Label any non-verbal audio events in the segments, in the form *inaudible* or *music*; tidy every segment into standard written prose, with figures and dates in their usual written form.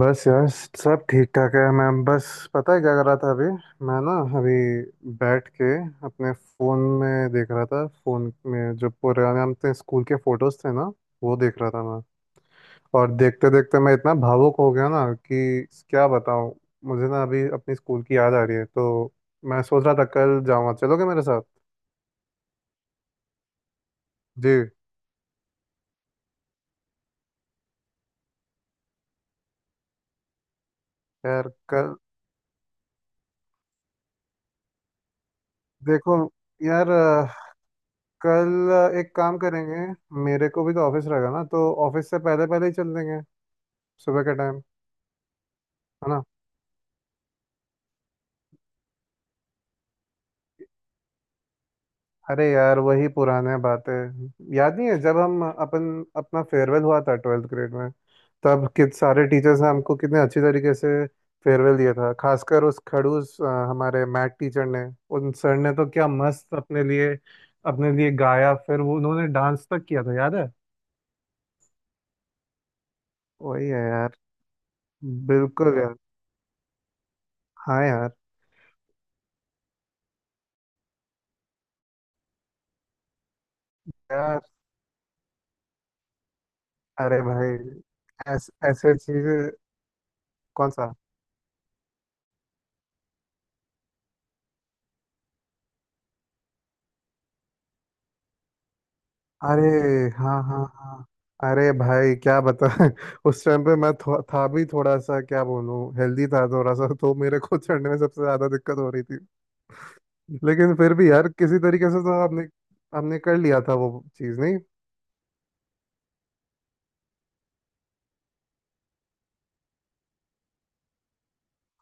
बस यार। सब ठीक ठाक है। मैं बस, पता है क्या कर रहा था अभी? मैं ना अभी बैठ के अपने फ़ोन में देख रहा था। फ़ोन में जो पुराने हम थे स्कूल के फ़ोटोज़ थे ना, वो देख रहा था मैं। और देखते देखते मैं इतना भावुक हो गया ना कि क्या बताऊँ। मुझे ना अभी अपनी स्कूल की याद आ रही है, तो मैं सोच रहा था कल जाऊँगा। चलोगे मेरे साथ? जी। यार कल। देखो यार कल एक काम करेंगे। मेरे को भी तो ऑफिस रहेगा ना, तो ऑफिस से पहले पहले ही चल देंगे, सुबह के टाइम। है ना? अरे यार वही पुराने बातें याद नहीं है? जब हम अपन अपना फेयरवेल हुआ था ट्वेल्थ ग्रेड में, तब कित सारे टीचर्स ने हमको कितने अच्छी तरीके से फेयरवेल दिया था, खासकर उस खड़ूस हमारे मैथ टीचर ने। उन सर ने तो क्या मस्त अपने लिए गाया, फिर वो उन्होंने डांस तक किया था, याद है? वही है यार। बिल्कुल यार। हाँ यार। यार अरे भाई ऐसे चीजें। कौन सा? अरे हाँ हाँ हाँ। अरे भाई क्या बता। *laughs* उस टाइम पे मैं था भी थोड़ा सा, क्या बोलूँ, हेल्दी था थोड़ा सा, तो मेरे को चढ़ने में सबसे ज्यादा दिक्कत हो रही थी। लेकिन फिर भी यार किसी तरीके से तो आपने हमने कर लिया था वो चीज़ नहीं।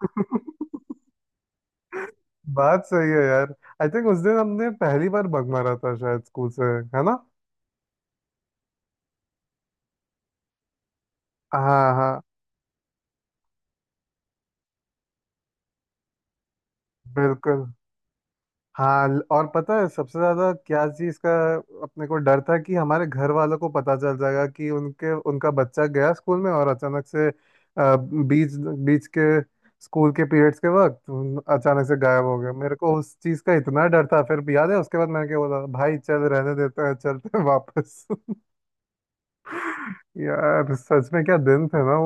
*laughs* बात सही है यार। आई थिंक उस दिन हमने पहली बार बग मारा था शायद स्कूल से। है ना? हाँ हाँ। बिल्कुल। और पता है सबसे ज्यादा क्या चीज का अपने को डर था? कि हमारे घर वालों को पता चल जाएगा कि उनके उनका बच्चा गया स्कूल में और अचानक से बीच बीच के स्कूल के पीरियड्स के वक्त अचानक से गायब हो गया। मेरे को उस चीज का इतना डर था। फिर भी याद है उसके बाद मैंने क्या बोला? भाई चल रहने देते हैं, चलते हैं वापस। *laughs* यार सच में क्या दिन थे ना।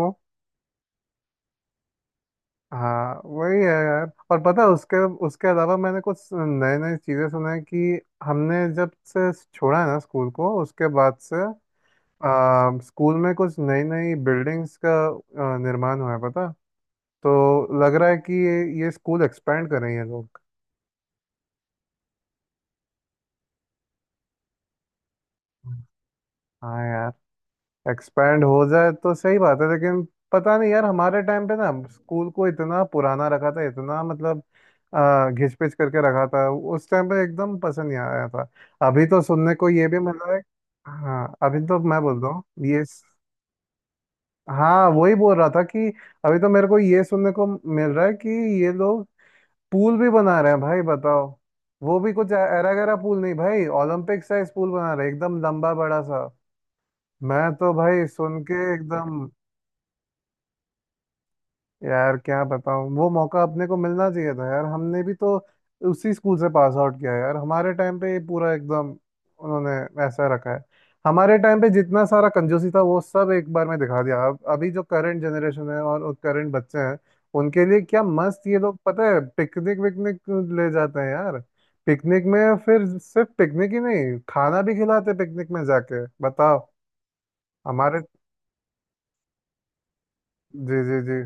हाँ वही है यार। और पता है, उसके उसके अलावा मैंने कुछ नए नए चीज़ें सुना है कि हमने जब से छोड़ा है ना स्कूल को उसके बाद से स्कूल में कुछ नई नई बिल्डिंग्स का निर्माण हुआ है पता। तो लग रहा है कि ये स्कूल एक्सपेंड कर रहे हैं ये लोग। हाँ यार। एक्सपैंड हो जाए तो सही बात है, लेकिन पता नहीं यार हमारे टाइम पे ना स्कूल को इतना पुराना रखा था, इतना, मतलब घिच पिच करके रखा था। उस टाइम पे एकदम पसंद नहीं आया था। अभी तो सुनने को ये भी मिला है। हाँ अभी तो मैं बोल रहा हूँ ये। हाँ वही बोल रहा था कि अभी तो मेरे को ये सुनने को मिल रहा है कि ये लोग पूल भी बना रहे हैं भाई बताओ। वो भी कुछ ऐरा गैरा पूल नहीं भाई, ओलंपिक साइज पूल बना रहे हैं, एकदम लंबा बड़ा सा। मैं तो भाई सुन के एकदम, यार क्या बताऊं। वो मौका अपने को मिलना चाहिए था यार। हमने भी तो उसी स्कूल से पास आउट किया यार। हमारे टाइम पे ये पूरा एकदम, उन्होंने ऐसा रखा है। हमारे टाइम पे जितना सारा कंजूसी था वो सब एक बार में दिखा दिया। अब अभी जो करंट जनरेशन है और करंट बच्चे हैं उनके लिए क्या मस्त ये लोग, पता है पिकनिक विकनिक ले जाते हैं यार। पिकनिक में, फिर सिर्फ पिकनिक ही नहीं, खाना भी खिलाते पिकनिक में जाके बताओ। हमारे। जी जी जी।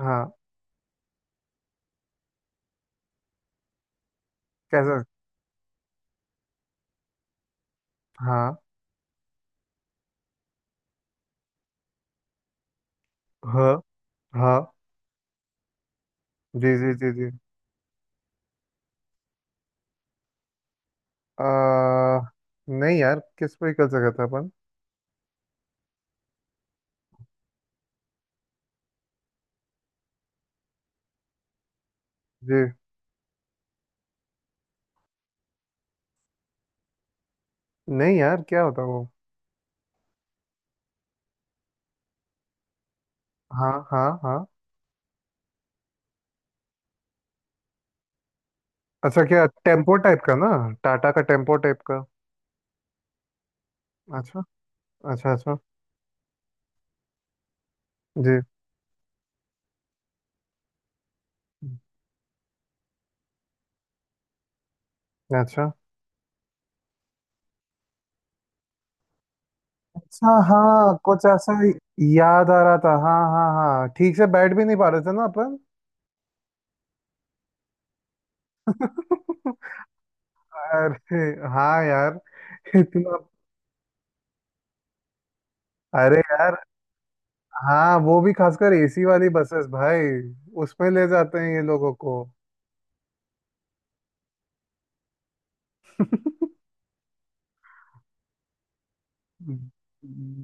हाँ। कैसे? हाँ हाँ हाँ। जी जी जी जी। आ, नहीं यार किस पे कर सका था अपन। जी। नहीं यार क्या होता वो? हाँ हाँ हाँ। अच्छा क्या टेम्पो टाइप का ना, टाटा का टेम्पो टाइप का। अच्छा अच्छा। अच्छा। जी। अच्छा अच्छा। हाँ कुछ ऐसा ही याद आ रहा था। हाँ हाँ हाँ। ठीक से बैठ भी नहीं पा रहे थे ना अपन। *laughs* अरे हाँ यार। इतना। अरे यार। हाँ वो भी खासकर एसी वाली बसेस भाई। उसमें ले जाते हैं ये लोगों को। *laughs*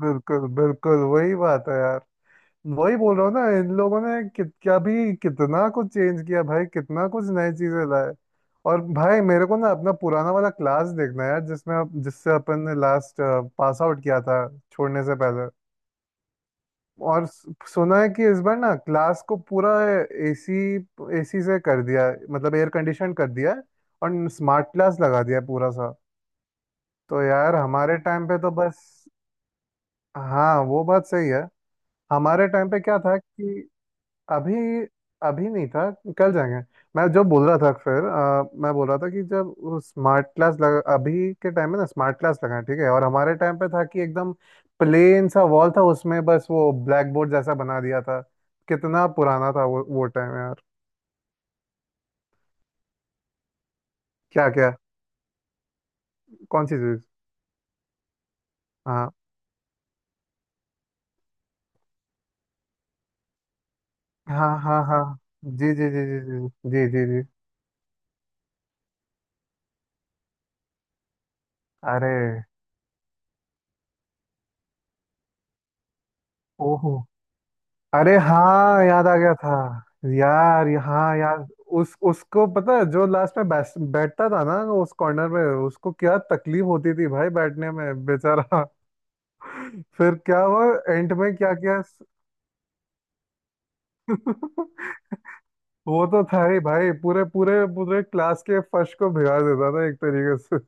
बिल्कुल बिल्कुल वही बात है यार। वही बोल रहा हूँ ना, इन लोगों ने कित क्या भी कितना कुछ चेंज किया भाई, कितना कुछ नई चीजें लाए। और भाई मेरे को ना अपना पुराना वाला क्लास देखना है यार, जिसमें जिससे अपन ने लास्ट पास आउट किया था, छोड़ने से पहले। और सुना है कि इस बार ना क्लास को पूरा एसी एसी से कर दिया है, मतलब एयर कंडीशन कर दिया है। और स्मार्ट क्लास लगा दिया है पूरा सा। तो यार हमारे टाइम पे तो बस। हाँ वो बात सही है। हमारे टाइम पे क्या था कि अभी अभी नहीं था, कल जाएंगे। मैं जो बोल रहा था, फिर मैं बोल रहा था कि जब स्मार्ट क्लास लगा, अभी के टाइम में ना स्मार्ट क्लास लगा है, ठीक है, और हमारे टाइम पे था कि एकदम प्लेन सा वॉल था उसमें, बस वो ब्लैक बोर्ड जैसा बना दिया था। कितना पुराना था वो टाइम यार। क्या क्या? कौन सी चीज? हाँ हाँ हाँ हाँ। जी जी जी जी जी जी जी जी। अरे। ओहो। अरे हाँ याद आ गया था। यार हाँ यार। उस उसको पता है जो लास्ट में बैठता था ना उस कॉर्नर में, उसको क्या तकलीफ होती थी भाई बैठने में बेचारा। *laughs* फिर क्या हुआ? एंड में क्या किया? *laughs* वो तो था ही भाई। पूरे पूरे पूरे क्लास के फर्श को भिगा देता था एक तरीके से।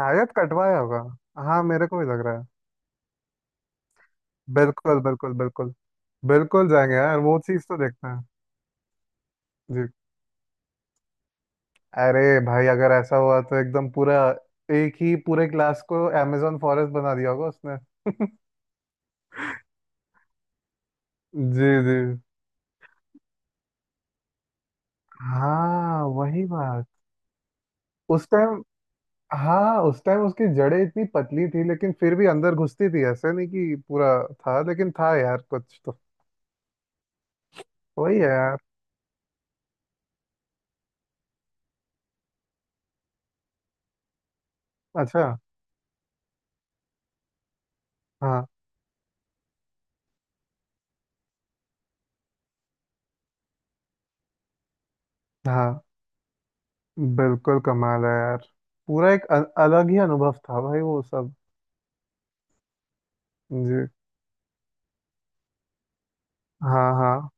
शायद कटवाया होगा। हाँ मेरे को भी लग रहा है। बिल्कुल बिल्कुल बिल्कुल। बिल्कुल जाएंगे यार, वो चीज़ तो देखते हैं। अरे भाई अगर ऐसा हुआ तो एकदम पूरा एक ही पूरे क्लास को अमेजोन फॉरेस्ट बना दिया होगा उसने। *laughs* जी जी। हाँ वही बात। उस टाइम, हाँ उस टाइम उसकी जड़ें इतनी पतली थी, लेकिन फिर भी अंदर घुसती थी, ऐसे नहीं कि पूरा था, लेकिन था यार कुछ तो। वही है यार। अच्छा। हाँ हाँ। बिल्कुल कमाल है यार। पूरा एक अलग ही अनुभव था भाई वो सब। जी। हाँ हाँ।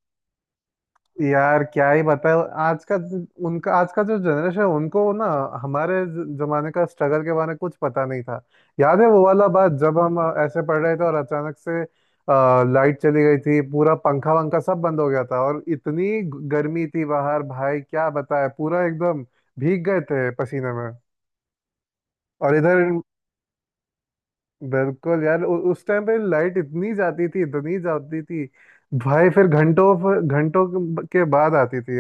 यार क्या ही बताए। आज का, उनका आज का जो जनरेशन है उनको ना हमारे जमाने का स्ट्रगल के बारे में कुछ पता नहीं था। याद है वो वाला बात? जब हम ऐसे पढ़ रहे थे और अचानक से लाइट चली गई थी, पूरा पंखा वंखा सब बंद हो गया था और इतनी गर्मी थी बाहर भाई क्या बताए पूरा एकदम भीग गए थे पसीने में। और इधर, बिल्कुल यार उस टाइम पे लाइट इतनी जाती थी, इतनी जाती थी भाई। फिर घंटों घंटों के बाद आती थी।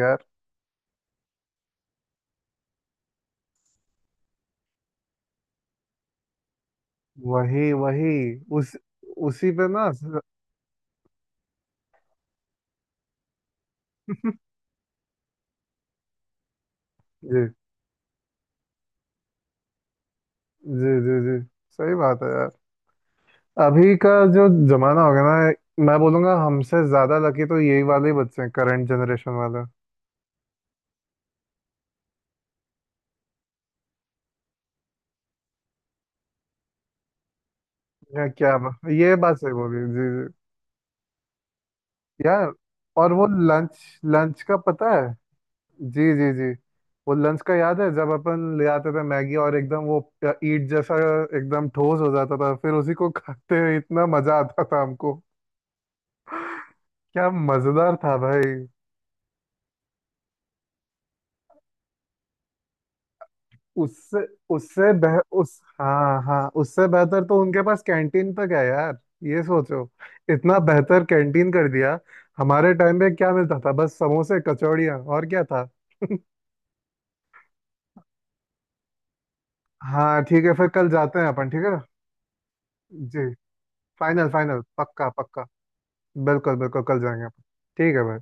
वही वही। उस उसी पे ना। *laughs* जी जी जी जी। सही बात है यार। अभी का जो जमाना हो गया ना, मैं बोलूंगा हमसे ज्यादा लकी तो यही वाले ही बच्चे हैं, करंट जनरेशन वाले। या क्या बात, ये बात सही बोली। जी जी। यार और वो लंच लंच का पता है। जी जी जी। वो लंच का याद है जब अपन ले आते थे मैगी और एकदम वो ईट जैसा एकदम ठोस हो जाता था, फिर उसी को खाते हुए इतना मजा आता था हमको। क्या मजेदार था भाई। उससे उससे बेह उस हाँ हाँ, उससे बेहतर तो उनके पास कैंटीन तक है यार। ये सोचो, इतना बेहतर कैंटीन कर दिया। हमारे टाइम में क्या मिलता था? बस समोसे कचौड़ियाँ। और क्या था? *laughs* हाँ ठीक है फिर कल जाते हैं अपन। ठीक है। जी। फाइनल फाइनल पक्का पक्का। बिल्कुल बिल्कुल कल जाएंगे अपन। ठीक है भाई।